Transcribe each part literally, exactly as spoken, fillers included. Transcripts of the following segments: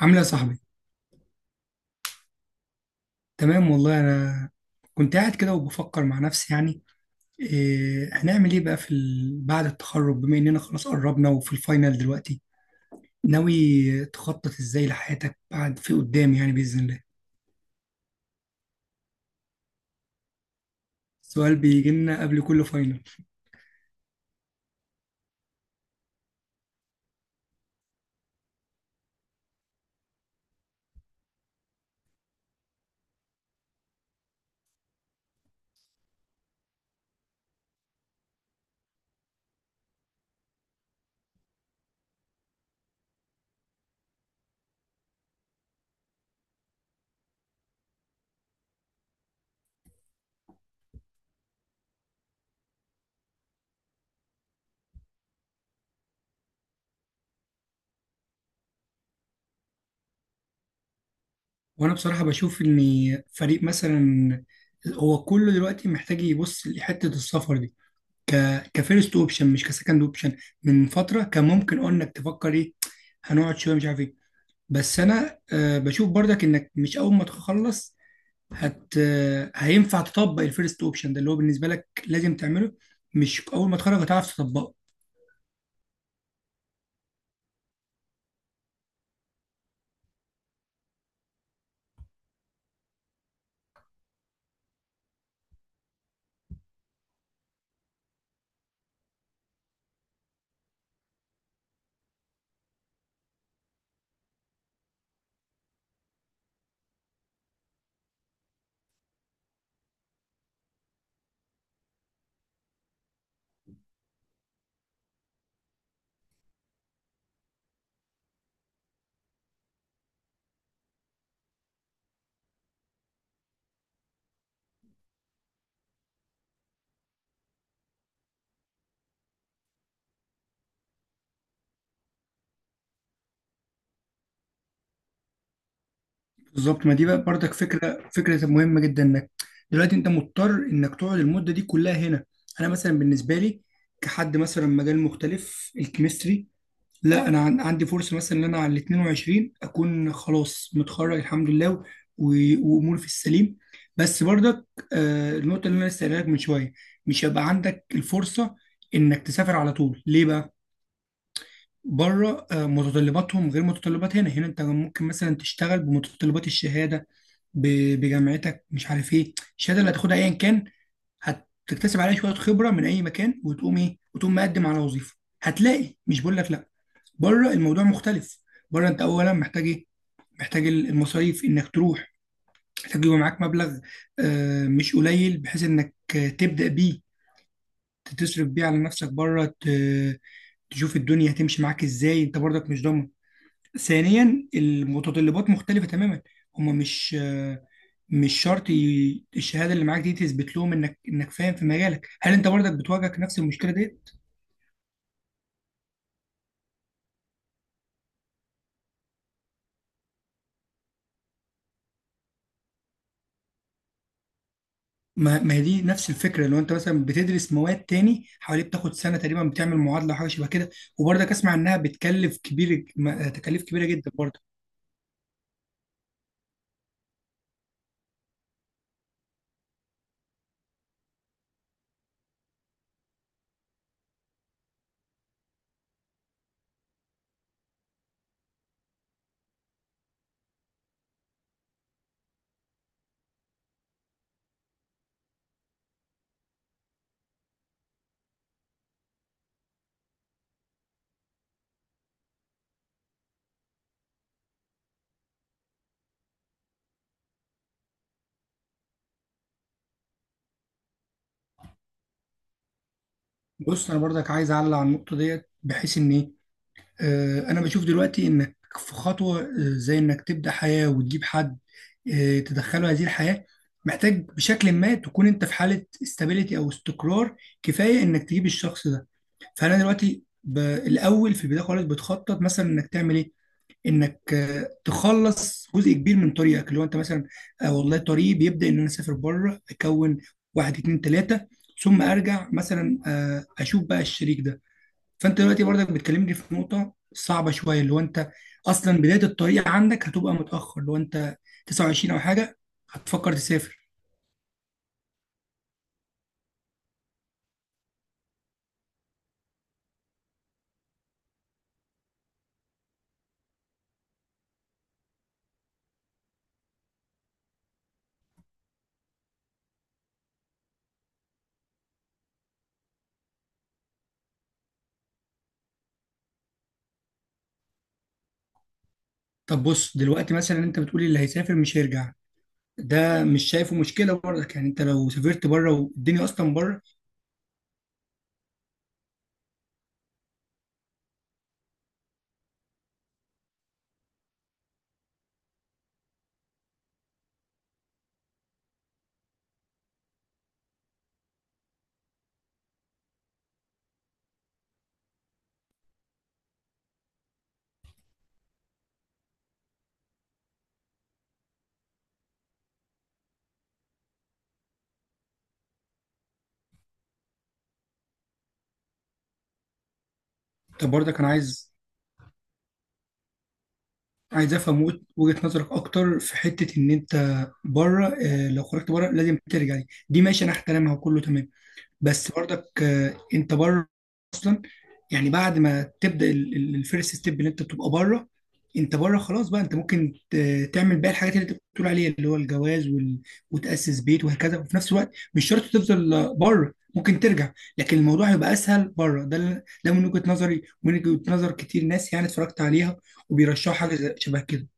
عامل ايه يا صاحبي؟ تمام والله انا كنت قاعد كده وبفكر مع نفسي يعني إيه هنعمل ايه بقى في ال... بعد التخرج بما اننا خلاص قربنا وفي الفاينل دلوقتي. ناوي تخطط ازاي لحياتك بعد في قدام يعني باذن الله. السؤال بيجي لنا قبل كل فاينل. وانا بصراحه بشوف ان فريق مثلا هو كله دلوقتي محتاج يبص لحته السفر دي ك كفيرست اوبشن مش كسكند اوبشن. من فتره كان ممكن قلنا انك تفكر ايه، هنقعد شويه مش عارف ايه. بس انا آه، بشوف برضك انك مش اول ما تخلص هت آه، هينفع تطبق الفيرست اوبشن ده اللي هو بالنسبه لك لازم تعمله. مش اول ما تخرج هتعرف تطبقه. بالظبط، ما دي بقى برضك فكره فكره مهمه جدا، انك دلوقتي انت مضطر انك تقعد المده دي كلها هنا. انا مثلا بالنسبه لي كحد مثلا مجال مختلف الكيمستري، لا انا عن- عندي فرصه مثلا ان انا على ال اتنين وعشرين اكون خلاص متخرج الحمد لله و- واموري في السليم. بس برضك آه، النقطه اللي انا لسه قايلها لك من شويه، مش هيبقى عندك الفرصه انك تسافر على طول. ليه بقى؟ بره آه، متطلباتهم غير متطلبات هنا. هنا انت ممكن مثلا تشتغل بمتطلبات الشهاده ب- بجامعتك، مش عارف ايه الشهاده اللي هتاخدها ايا كان، هتكتسب عليها شويه خبره من اي مكان وتقوم ايه وتقوم مقدم على وظيفه. هتلاقي، مش بقول لك لا، بره الموضوع مختلف. بره انت اولا محتاج ايه؟ محتاج المصاريف انك تروح، محتاج يبقى معاك مبلغ آه، مش قليل بحيث انك آه، تبدا بيه، تصرف بيه على نفسك بره، ت- تشوف الدنيا هتمشي معاك ازاي، انت برضك مش ضامن. ثانيا المتطلبات مختلفه تماما، هما مش آه، مش شرط ي- الشهاده اللي معاك دي تثبت لهم انك انك فاهم في مجالك. هل انت برضك بتواجهك نفس المشكله دي؟ ما ما هي دي نفس الفكره، لو انت مثلا بتدرس مواد تاني حوالي بتاخد سنه تقريبا بتعمل معادله او حاجه شبه كده، وبرضك اسمع انها بتكلف كبير، ما- تكاليف كبيره جدا برضك. بص انا برضك عايز اعلق على النقطه ديت، بحيث ان ايه، آه، انا بشوف دلوقتي انك في خطوه آه، زي انك تبدا حياه وتجيب حد آه، تدخله هذه الحياه، محتاج بشكل ما تكون انت في حاله استابيليتي او استقرار، كفايه انك تجيب الشخص ده. فانا دلوقتي ب- الاول في البدايه خالص بتخطط مثلا انك تعمل ايه، انك آه، تخلص جزء كبير من طريقك اللي هو انت مثلا آه، والله طريقي بيبدا ان انا اسافر بره، اكون واحد اتنين تلاته، ثم ارجع مثلا آه، اشوف بقى الشريك ده. فانت دلوقتي برضك بتكلمني في نقطه صعبه شويه، اللي هو انت اصلا بدايه الطريق عندك هتبقى متاخر لو انت تسعة وعشرون او حاجه هتفكر تسافر. طب بص دلوقتي مثلا انت بتقولي اللي هيسافر مش هيرجع، ده مش شايفه مشكله برضك؟ يعني انت لو سافرت بره، والدنيا اصلا بره. طب برضك انا عايز عايز افهم وجه- وجهة نظرك اكتر في حتة ان انت بره. آه، لو خرجت بره لازم ترجع، دي دي ماشي، انا احترمها وكله تمام. بس برضك آه، انت بره اصلا، يعني بعد ما تبدا الفيرست ستيب اللي انت بتبقى بره، انت بره خلاص بقى، انت ممكن ت- تعمل باقي الحاجات اللي انت بتقول عليها اللي هو الجواز وال... وتاسس بيت وهكذا، وفي نفس الوقت مش شرط تفضل بره، ممكن ترجع. لكن الموضوع هيبقى اسهل بره، ده اللي- ده من وجهه نظري ومن وجهه نظر كتير ناس يعني اتفرجت عليها وبيرشحوا حاجه زي- شبه كده.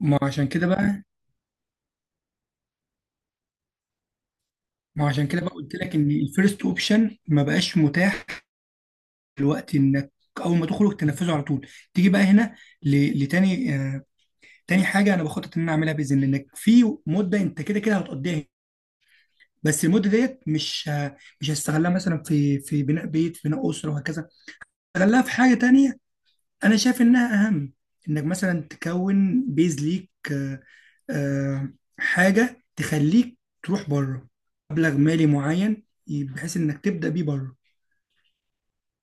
ما عشان كده بقى ما عشان كده بقى قلت لك ان الفيرست اوبشن ما بقاش متاح الوقت، انك اول ما تخرج تنفذه على طول. تيجي بقى هنا ل- لتاني آه، تاني حاجه انا بخطط ان انا اعملها باذن الله، انك في مده انت كده كده هتقضيها هنا، بس المده ديت مش آه، مش هستغلها مثلا في في بناء بيت، في بناء اسره وهكذا، استغلها في حاجه تانيه انا شايف انها اهم، انك مثلا تكون بيز ليك آه، آه، حاجه تخليك تروح بره، مبلغ مالي معين بحيث انك تبدا بيه بره،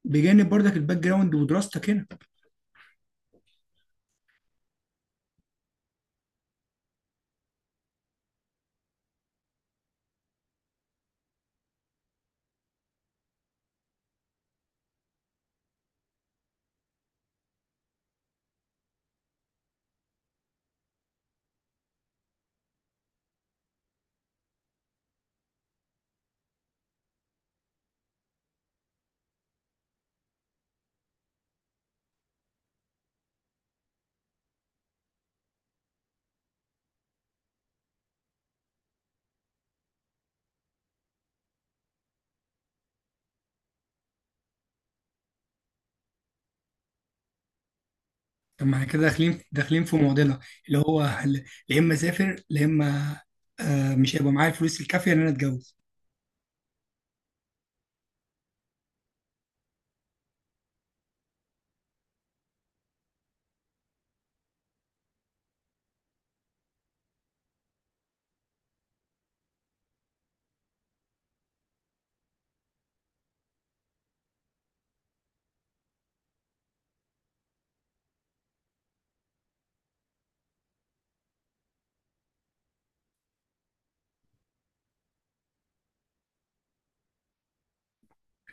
بجانب برضك الباك جراوند ودراستك هنا. طب ما احنا كده داخلين داخلين في معضله، اللي هو هل- يا اما اسافر يا اما آه مش هيبقى معايا الفلوس الكافيه ان انا اتجوز.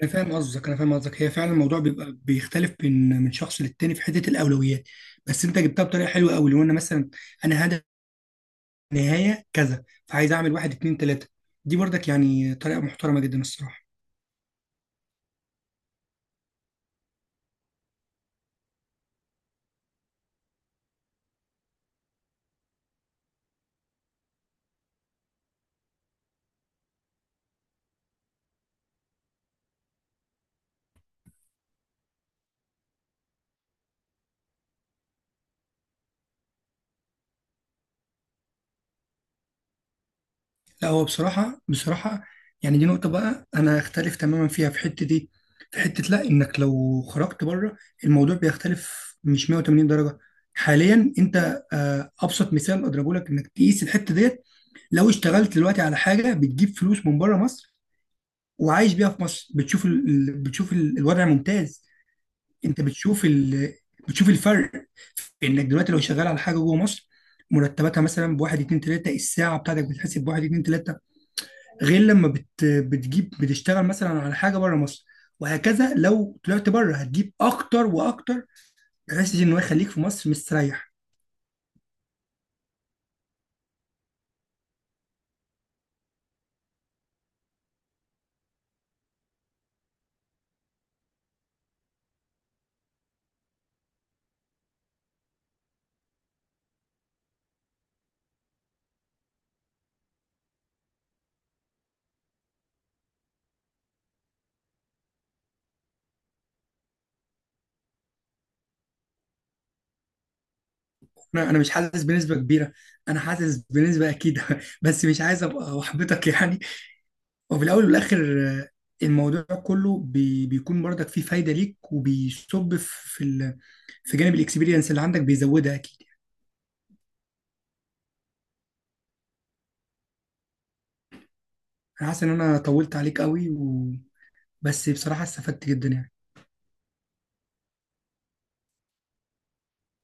انا فاهم قصدك انا فاهم قصدك، هي فعلا الموضوع بيبقى بيختلف من من شخص للتاني في حته الاولويات. بس انت جبتها بطريقه حلوه قوي، لو انا مثلا انا هدف نهايه كذا فعايز اعمل واحد اتنين تلاته، دي برضك يعني طريقه محترمه جدا الصراحه. لا، هو بصراحة بصراحة يعني دي نقطة بقى، أنا أختلف تماما فيها. في حتة دي، في حتة، لا، إنك لو خرجت بره الموضوع بيختلف مش مائة وثمانين درجة. حاليا أنت آه، أبسط مثال أضربه لك إنك تقيس الحتة ديت، لو اشتغلت دلوقتي على حاجة بتجيب فلوس من بره مصر وعايش بيها في مصر، بتشوف ال... ال- بتشوف ال- الوضع ممتاز. أنت بتشوف ال... بتشوف الفرق، في إنك دلوقتي لو شغال على حاجة جوه مصر مرتباتها مثلا بواحد اتنين تلاتة، الساعة بتاعتك بتتحسب بواحد اتنين تلاتة. غير لما بت بتجيب بتشتغل مثلا على حاجه بره مصر، وهكذا لو طلعت بره هتجيب اكتر واكتر، بحيث ان هو يخليك في مصر مستريح. انا أنا مش حاسس بنسبه كبيره، انا حاسس بنسبه اكيد بس مش عايز ابقى احبطك يعني. وفي الاول والاخر آه، الموضوع كله بي بيكون برضك فيه فايده ليك، وبيصب في ال... في جانب الاكسبيرينس اللي عندك بيزودها اكيد. انا حاسس ان انا طولت عليك قوي و... بس بصراحه استفدت جدا يعني.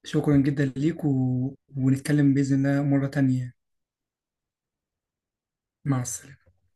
شكرا جدا ليك و... ونتكلم بإذن الله مرة تانية. مع السلامة.